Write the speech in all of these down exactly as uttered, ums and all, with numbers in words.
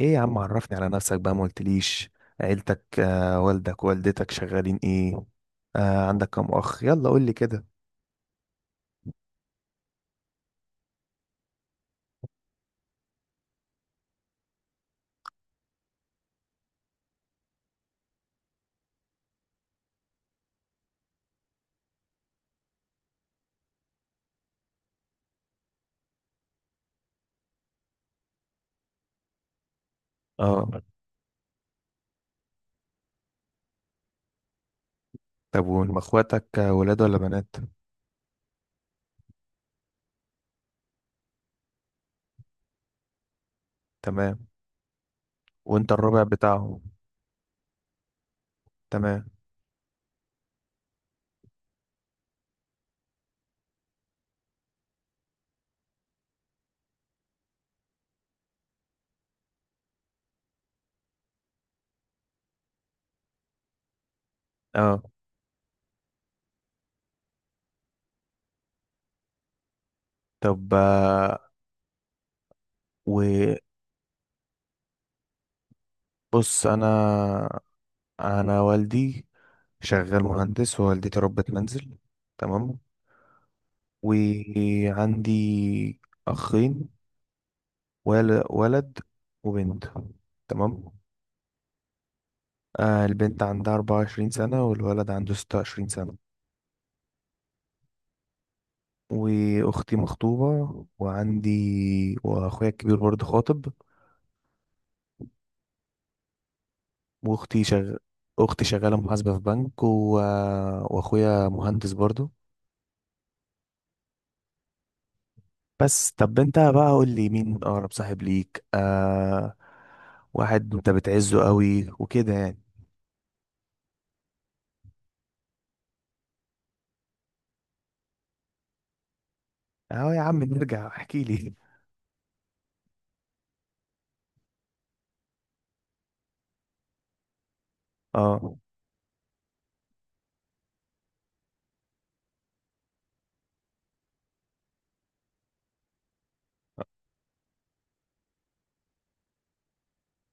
ايه يا عم، عرفني على نفسك بقى، ما قلتليش؟ عيلتك آه والدك والدتك شغالين ايه؟ آه عندك كام اخ، يلا قولي كده. اه. طب وهم اخواتك، آه، ولاد ولا بنات؟ تمام. وانت الربع بتاعهم؟ تمام. اه. طب، آه وبص، انا انا والدي شغال مهندس، ووالدتي ربة منزل. تمام. وعندي اخين، ول- ولد وبنت. تمام. آه البنت عندها اربع وعشرين سنة والولد عنده ستة وعشرين سنة. واختي مخطوبة، وعندي، واخويا الكبير برضه خاطب. واختي شغ... اختي شغالة محاسبة في بنك، و... واخويا مهندس برضه. بس طب، انت بقى قول لي، مين اقرب صاحب ليك؟ آه واحد انت بتعزه قوي وكده يعني. اهو يا عم، نرجع، احكي لي. اه.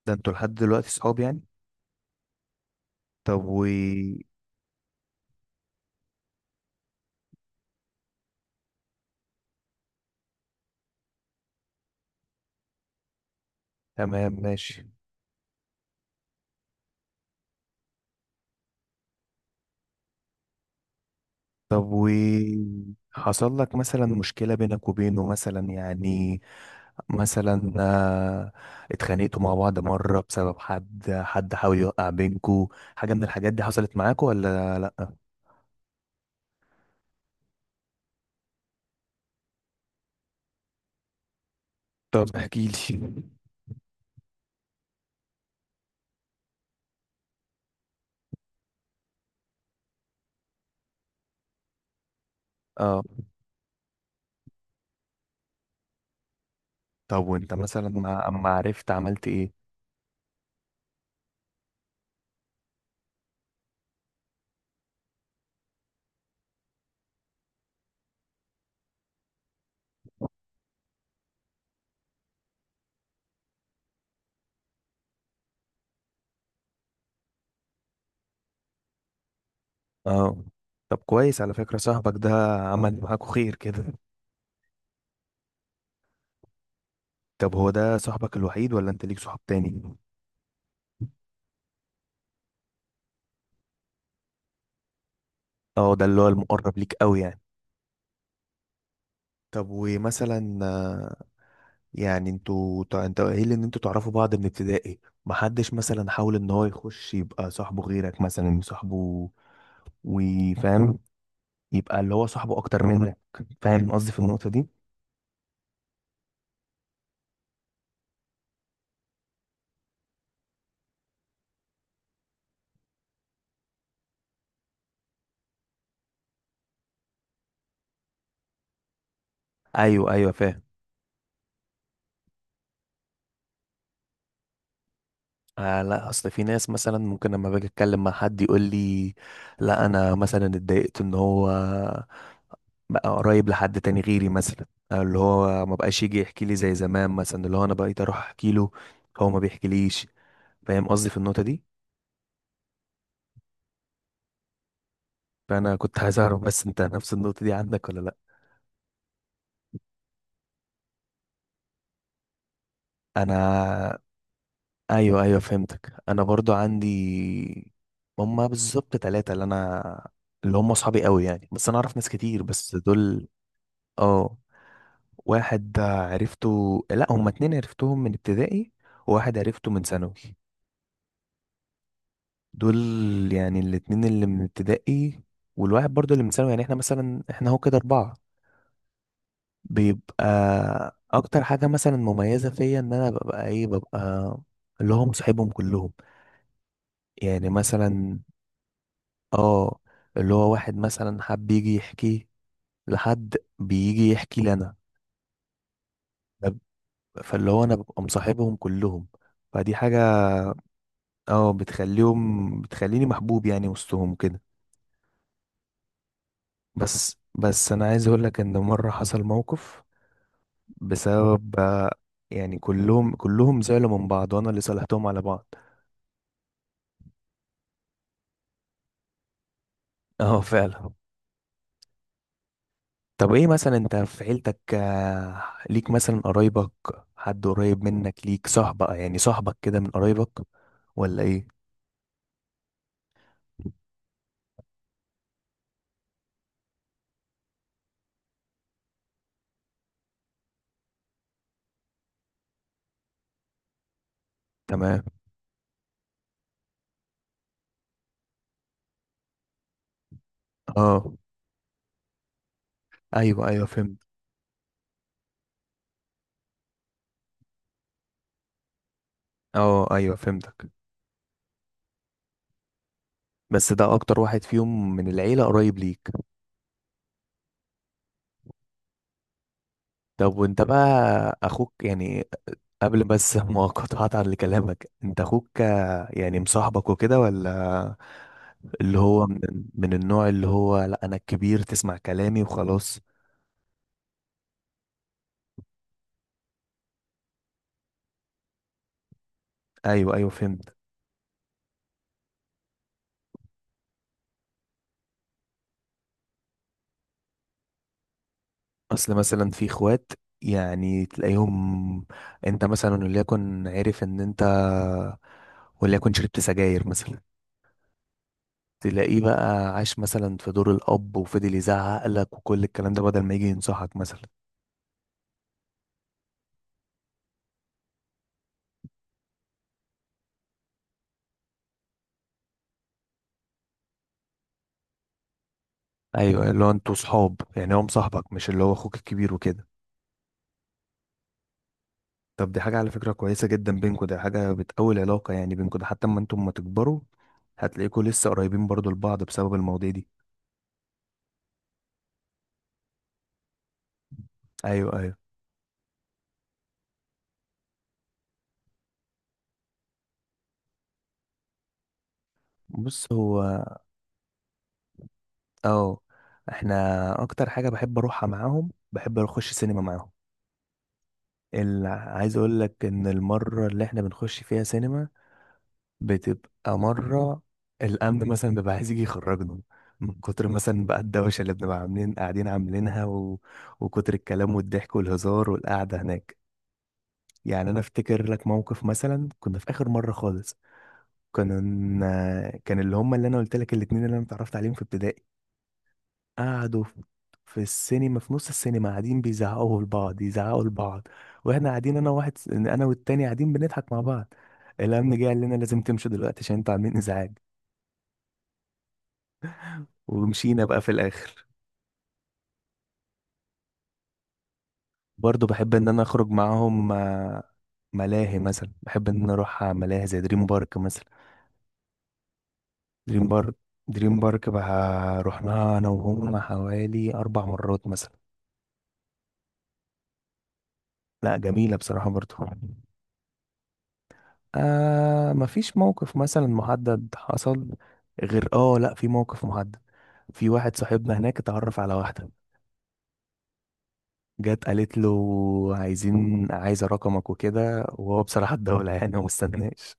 ده انتوا لحد دلوقتي صحاب يعني؟ طب، و تمام ماشي. طب، و حصل لك مثلا مشكلة بينك وبينه مثلا يعني، مثلا آه اتخانقتوا مع بعض مرة بسبب حد حد حاول يوقع بينكوا؟ حاجة من الحاجات دي حصلت معاكوا ولا لأ؟ طب احكي لي. اه. طب وانت بالظبط مثلا، ما اما عرفت عملت ايه؟ اه. طب كويس، على فكرة صاحبك ده عمل معاكوا خير كده. طب هو ده صاحبك الوحيد ولا انت ليك صحاب تاني؟ اه، ده اللي هو المقرب ليك قوي يعني. طب، ومثلا آه، يعني انتوا تع- انت قايل ان انتوا تعرفوا بعض من ابتدائي. محدش مثلا حاول ان هو يخش يبقى صاحبه غيرك مثلا؟ صاحبه، وفاهم، يبقى اللي هو صاحبه اكتر منك؟ فاهم قصدي في النقطة دي؟ ايوه، ايوه، فاهم. آه، لا، اصل في ناس مثلا ممكن لما باجي اتكلم مع حد يقول لي: لا، انا مثلا اتضايقت ان هو بقى قريب لحد تاني غيري مثلا. أو اللي هو ما بقاش يجي يحكي لي زي زمان، مثلا اللي هو انا بقيت اروح احكي له، هو ما بيحكيليش. فاهم قصدي في النقطة دي؟ فانا كنت عايز اعرف، بس انت نفس النقطة دي عندك ولا لا؟ انا ايوه، ايوه، فهمتك، انا برضو عندي. هما بالظبط ثلاثة، اللي انا اللي هم صحابي قوي يعني، بس انا اعرف ناس كتير، بس دول. اه. واحد آه، عرفته، لا هما اتنين عرفتهم من ابتدائي، وواحد عرفته من ثانوي. دول يعني الاتنين اللي من ابتدائي، والواحد برضه اللي من ثانوي، يعني احنا مثلا، احنا هو كده اربعة بيبقى. اكتر حاجة مثلا مميزة فيا ان انا ببقى، ايه ببقى اللي هو مصاحبهم كلهم. يعني مثلا، اه، اللي هو واحد مثلا حب يجي يحكي، لحد بيجي يحكي لنا. فاللي هو انا ببقى مصاحبهم كلهم، فدي حاجة، اه، بتخليهم بتخليني محبوب يعني وسطهم كده. بس بس انا عايز اقول لك ان مره حصل موقف بسبب، آه، يعني كلهم كلهم زعلوا من بعض، وانا اللي صالحتهم على بعض. اه فعلا. طب ايه مثلا انت في عيلتك، آه، ليك مثلا قرايبك حد قريب منك ليك صاحبك يعني، صاحبك كده من قرايبك ولا ايه؟ تمام. اه، ايوه، ايوه، فهمت. اه، ايوه، فهمتك. بس ده اكتر واحد فيهم من العيلة قريب ليك؟ طب، وانت بقى، اخوك يعني، قبل بس ما قطعت على كلامك، انت اخوك، آه، يعني مصاحبك وكده ولا؟ اللي هو من, من النوع اللي هو: لا، انا الكبير تسمع كلامي وخلاص؟ ايوه، ايوه، فهمت. اصل مثلا في اخوات يعني تلاقيهم، انت مثلا وليكن عرف ان انت وليكن شربت سجاير مثلا، تلاقيه بقى عاش مثلا في دور الاب، وفضل يزعق لك وكل الكلام ده بدل ما يجي ينصحك مثلا. ايوه، اللي هو انتوا صحاب يعني، هو مصاحبك مش اللي هو اخوك الكبير وكده. طب، دي حاجه على فكره كويسه جدا بينكوا، ده حاجه بتقوي العلاقه يعني بينكوا، ده حتى اما انتم ما تكبروا، هتلاقيكوا لسه قريبين برضو لبعض بسبب المواضيع دي. ايوه، ايوه. بص هو، اه احنا اكتر حاجه بحب اروحها معاهم، بحب اخش سينما معاهم. ال... عايز اقول لك ان المره اللي احنا بنخش فيها سينما بتبقى مرة الأمن مثلا بيبقى عايز يجي يخرجنا من كتر مثلا بقى الدوشة اللي بنبقى عاملين، قاعدين عاملينها، و... وكتر الكلام والضحك والهزار والقعدة هناك. يعني أنا أفتكر لك موقف، مثلا كنا في آخر مرة خالص، كنا كان اللي هم اللي أنا قلت لك الاتنين اللي أنا اتعرفت عليهم في ابتدائي، قعدوا في في السينما، في نص السينما، قاعدين بيزعقوا لبعض، يزعقوا لبعض، واحنا قاعدين، انا واحد انا والتاني قاعدين بنضحك مع بعض. الامن جه قال لنا: لازم تمشوا دلوقتي عشان انتوا عاملين ازعاج. ومشينا بقى في الاخر. برضو بحب ان انا اخرج معاهم، آه، ملاهي مثلا، بحب ان انا اروح على ملاهي زي دريم بارك مثلا. دريم بارك دريم بارك بقى رحناها انا وهم حوالي اربع مرات مثلا. لا، جميلة بصراحة برضو. آه مفيش موقف مثلا محدد حصل، غير اه لا، في موقف محدد. في واحد صاحبنا هناك اتعرف على واحدة، جت قالت له: عايزين عايزة رقمك وكده، وهو بصراحة الدولة يعني ومستناش.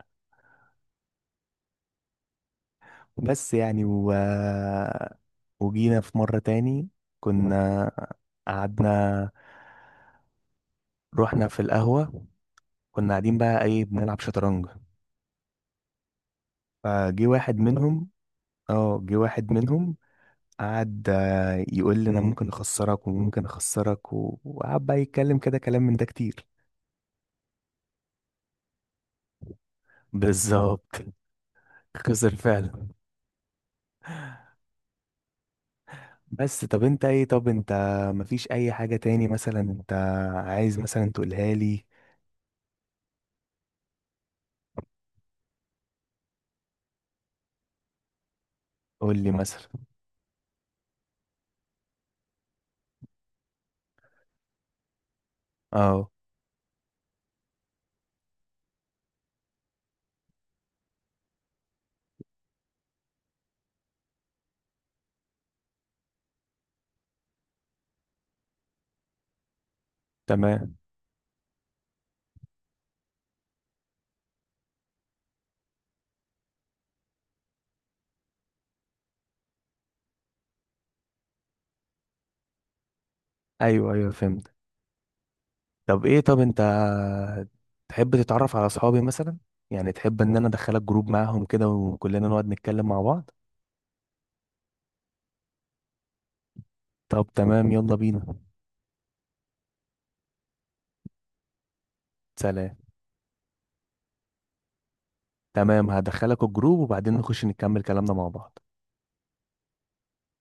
بس يعني، و... وجينا في مرة تاني، كنا، قعدنا، رحنا في القهوة، كنا قاعدين بقى، ايه بنلعب شطرنج. فجه واحد منهم. اه، جه واحد منهم، قعد آه، يقول لي: انا ممكن اخسرك وممكن اخسرك، و- وقعد بقى يتكلم كده كلام من ده كتير. بالظبط. خسر فعلا. بس طب، انت ايه؟ طب انت مفيش اي حاجة تاني مثلا انت عايز مثلا تقولها لي؟ قول لي مثلا. اه. تمام. ايوه، ايوه، فهمت. طب ايه، طب انت تحب تتعرف على اصحابي مثلا؟ يعني تحب ان انا ادخلك جروب معاهم كده وكلنا نقعد نتكلم مع بعض. طب تمام، يلا بينا. سلام. تمام، هدخلك الجروب وبعدين نخش نكمل كلامنا مع بعض.